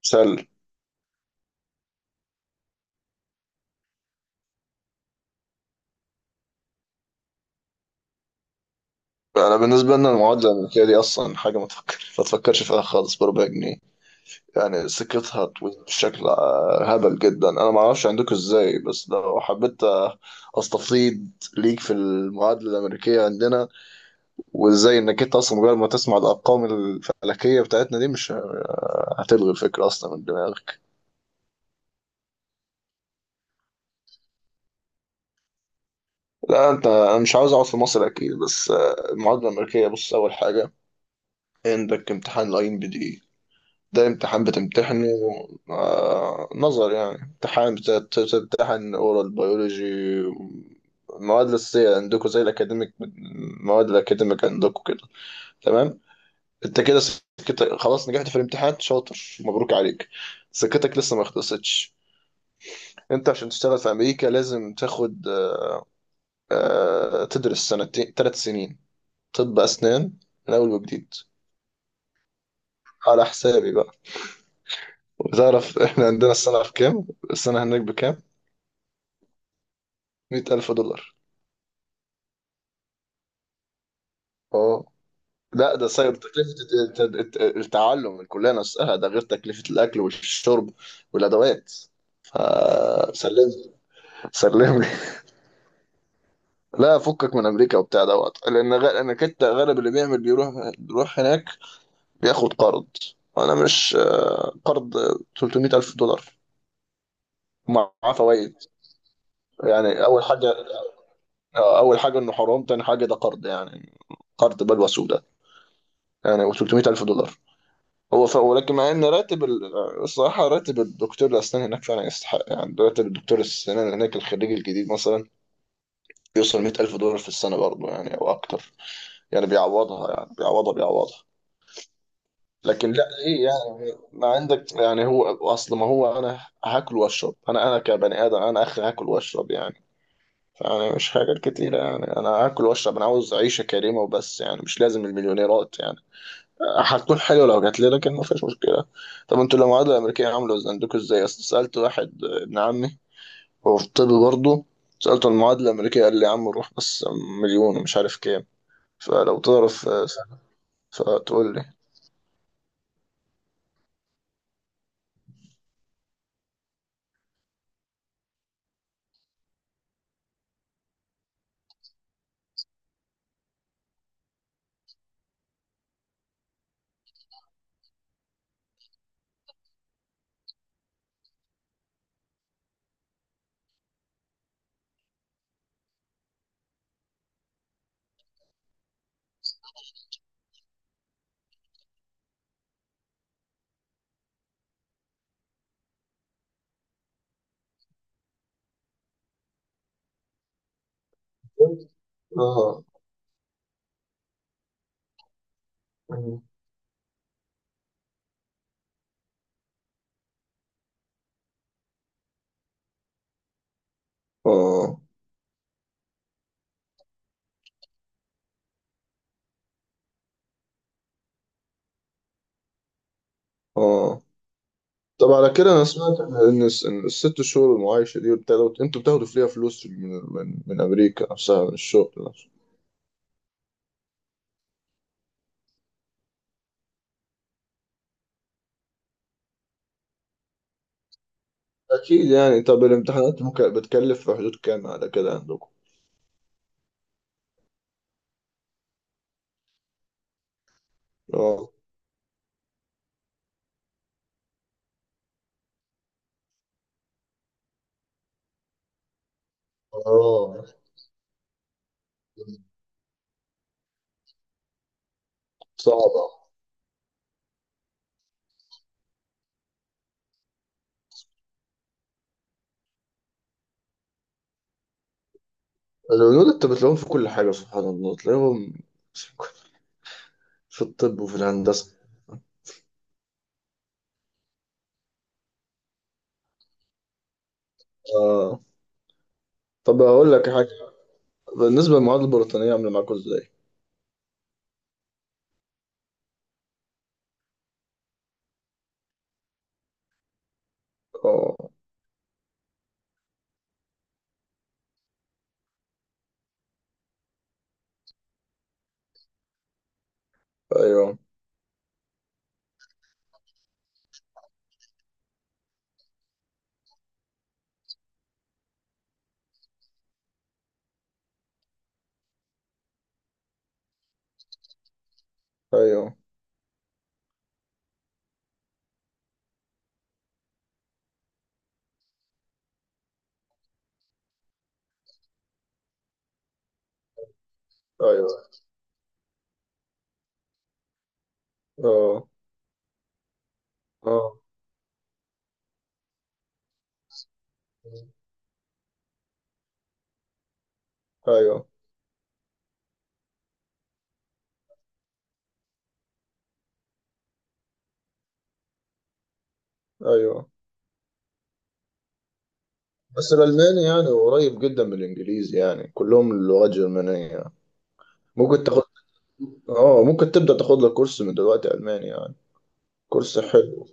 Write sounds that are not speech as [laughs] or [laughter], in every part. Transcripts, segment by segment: سل. انا بالنسبه لنا المعادله الامريكيه دي اصلا حاجه ما تفكرش فيها خالص بربع جنيه. يعني سكتها طويل بشكل هبل جدا. انا ما اعرفش عندكم ازاي، بس لو حبيت استفيض ليك في المعادله الامريكيه عندنا. وازاي انك انت اصلا مجرد ما تسمع الارقام الفلكيه بتاعتنا دي مش هتلغي الفكره اصلا من دماغك. لا انت، انا مش عاوز اقعد في مصر اكيد، بس المعادله الامريكيه، بص اول حاجه عندك امتحان الاي ام بي دي. ده امتحان بتمتحنه نظر، يعني امتحان بتمتحن اورال بيولوجي، المواد الأساسية عندكم زي الأكاديميك، المواد الأكاديميك عندكم كده. تمام. أنت كده سكتك خلاص، نجحت في الامتحان شاطر، مبروك عليك. سكتك لسه ما خلصتش. أنت عشان تشتغل في أمريكا لازم تاخد تدرس سنتين 3 سنين طب أسنان من أول وجديد. على حسابي بقى. وتعرف إحنا عندنا السنة في كام، السنة هناك بكام؟ 100000 دولار. اه. لا ده صاير تكلفة التعلم، الكلية نفسها، ده غير تكلفة الأكل والشرب والأدوات. فسلم، سلم لي. لا فكك من أمريكا وبتاع دوت، لأن لأن كنت غالب اللي بيعمل بيروح، هناك بياخد قرض. أنا مش قرض، 300 ألف دولار معاه فوائد. يعني أول حاجة أول حاجة إنه حرام، تاني حاجة ده قرض يعني، قرض بلوى سوداء. يعني و 300 ألف دولار. ولكن مع ان راتب ال... الصراحه راتب الدكتور الاسنان هناك فعلا يستحق. يعني راتب الدكتور الاسنان هناك الخريج الجديد مثلا بيوصل 100000 دولار في السنه برضه، يعني او اكتر. يعني بيعوضها، يعني بيعوضها. لكن لا ايه يعني، ما عندك يعني. هو اصل ما هو انا هاكل واشرب، انا كبني ادم، انا اخي هاكل واشرب يعني. فانا مش حاجات كتيره يعني، انا هاكل واشرب، انا عاوز عيشه كريمه وبس يعني. مش لازم المليونيرات يعني، هتكون حلوه لو جات لي لكن ما فيش مشكله. طب انتوا المعادله الامريكيه عامله ازاي عندكوا ازاي؟ اصل سالت واحد ابن عمي هو في طب برضه، سالته المعادله الامريكيه قال لي يا عم روح بس، مليون ومش عارف كام. فلو تعرف فتقول لي. اه. اه. اه. طب على كده، انا سمعت ان إن الست شهور المعايشه دي بتاخدوا فيها فلوس من, امريكا نفسها، من الشغل نفسه. اكيد يعني. طب الامتحانات ممكن بتكلف في حدود كام على كده عندكم؟ اه. صعبة. الهنود انت بتلاقيهم في كل حاجة، سبحان الله، تلاقيهم في الطب وفي الهندسة. اه. طب هقول لك حاجة، بالنسبة للمعادلة البريطانية عاملة معاكوا ازاي؟ اه. ايوه. ايوه. ايوه. اه. اه. ايوه. ايوه. بس الألماني يعني قريب جدا من الإنجليزي، يعني كلهم اللغات جرمانية. ممكن تاخد. اه، ممكن تبدأ تاخد لك كورس من دلوقتي ألماني يعني، كورس حلو.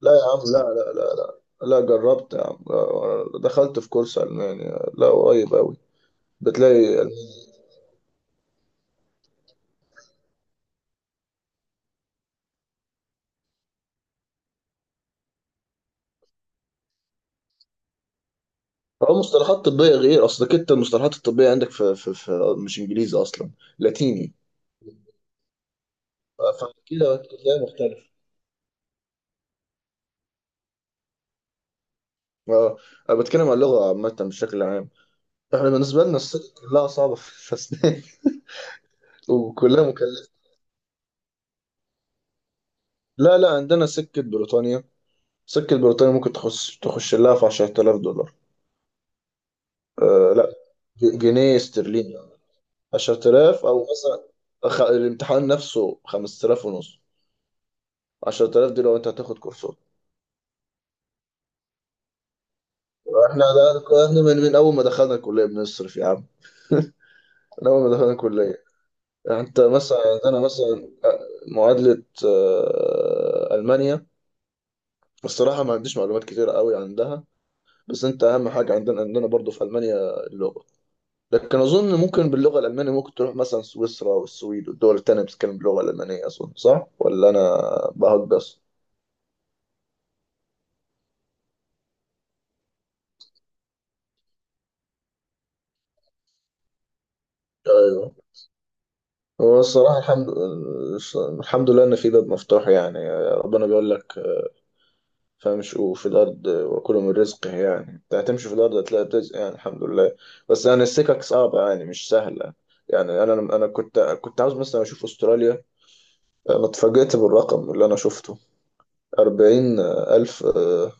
لا يا عم، لا لا لا لا، لا جربت يا عم، دخلت في كورس ألماني، لا قريب أوي، بتلاقي ألماني. هو مصطلحات طبية غير أصلك، أنت المصطلحات الطبية عندك في مش إنجليزي أصلا، لاتيني، فكده بتلاقي مختلف. اه. انا بتكلم عن اللغه عامه بشكل عام. احنا بالنسبه لنا السكه كلها صعبه في الاسنان [laughs] وكلها مكلفه. لا لا، عندنا سكه بريطانيا، سكه بريطانيا ممكن تخش لها في 10000 دولار، آه لا، جنيه استرليني. 10,000 او مثلا الامتحان نفسه 5000 ونص، 10,000 دي لو انت هتاخد كورسات. احنا ده كنا من اول ما دخلنا الكليه بنصرف يا عم [laughs] من اول ما دخلنا الكليه. يعني انت مثلا، يعني انا مثلا معادله المانيا، الصراحه ما عنديش معلومات كتيره قوي عندها. بس انت اهم حاجه، عندنا عندنا برضو في المانيا اللغه. لكن اظن ممكن باللغه الالمانيه ممكن تروح مثلا سويسرا والسويد والدول التانيه بتتكلم باللغه الالمانيه، اظن صح ولا انا بهجص؟ ايوه. هو الصراحة الحمد لله إن في باب مفتوح يعني، ربنا بيقول لك فامشوا في الأرض وكلوا من رزقه، يعني أنت هتمشي في الأرض هتلاقي رزق يعني، الحمد لله. بس يعني السكك صعبة يعني، مش سهلة. يعني أنا كنت عاوز مثلا أشوف أستراليا، أنا اتفاجئت بالرقم اللي أنا شفته. 40,000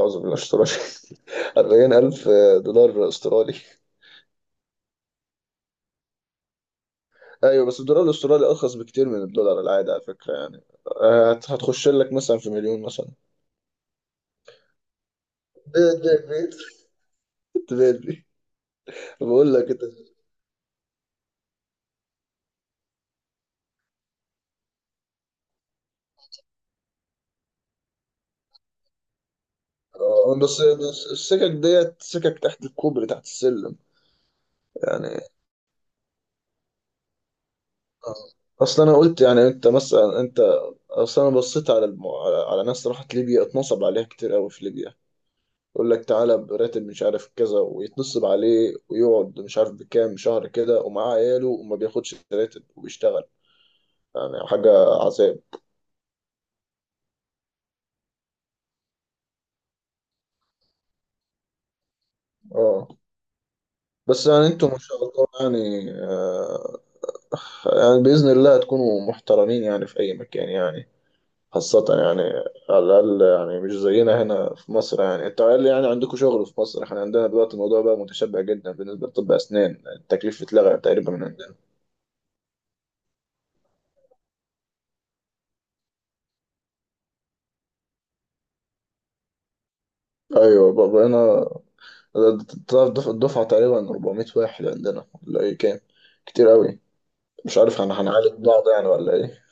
أعوذ بالله أسترالي [laughs] 40,000 دولار أسترالي. أيوة، بس الدولار الأسترالي أرخص بكتير من الدولار العادي على فكرة، يعني هتخش لك مثلا في مليون مثلا. بيت بيت بيت [laughs] بيت بيت، بقول لك كده بس بس السكك ديت سكك تحت الكوبري، تحت السلم يعني. آه. اصل انا قلت يعني انت مثلا انت، اصل انا بصيت على على ناس راحت ليبيا اتنصب عليها كتير قوي في ليبيا. يقول لك تعالى براتب مش عارف كذا، ويتنصب عليه ويقعد مش عارف بكام شهر كده ومعاه عياله، وما بياخدش راتب وبيشتغل. يعني حاجة عذاب. اه. بس يعني انتوا ما شاء الله يعني يعني بإذن الله تكونوا محترمين يعني في أي مكان يعني، خاصة يعني، على الأقل يعني مش زينا هنا في مصر. يعني أنت قال لي يعني عندكم شغل في مصر، إحنا عندنا دلوقتي الموضوع بقى متشبع جدا بالنسبة لطب أسنان، التكليف اتلغى تقريبا من عندنا. أيوه، بقينا، الدفعة تقريبا 400 واحد عندنا ولا إيه كام، كتير أوي. مش عارف هنعالج بعض يعني ولا إيه؟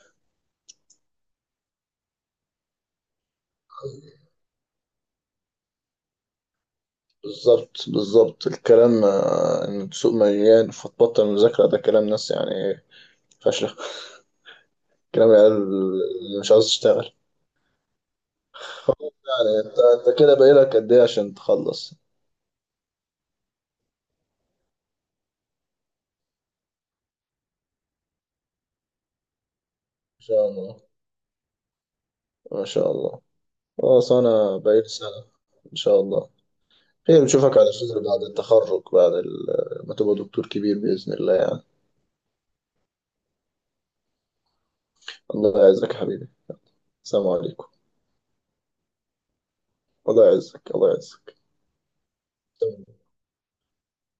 بالظبط بالظبط الكلام إن السوق مليان فتبطل مذاكرة، ده كلام ناس يعني فاشلة، كلام العيال اللي مش عاوز تشتغل. يعني انت، انت كده باقي لك قد ايه عشان تخلص؟ ان شاء الله. ما شاء الله. خلاص انا باقي لي سنة ان شاء الله خير، نشوفك على خير بعد التخرج، بعد ما تبقى دكتور كبير بإذن الله يعني. الله يعزك يا حبيبي. السلام عليكم. الله يعزك الله يعزك.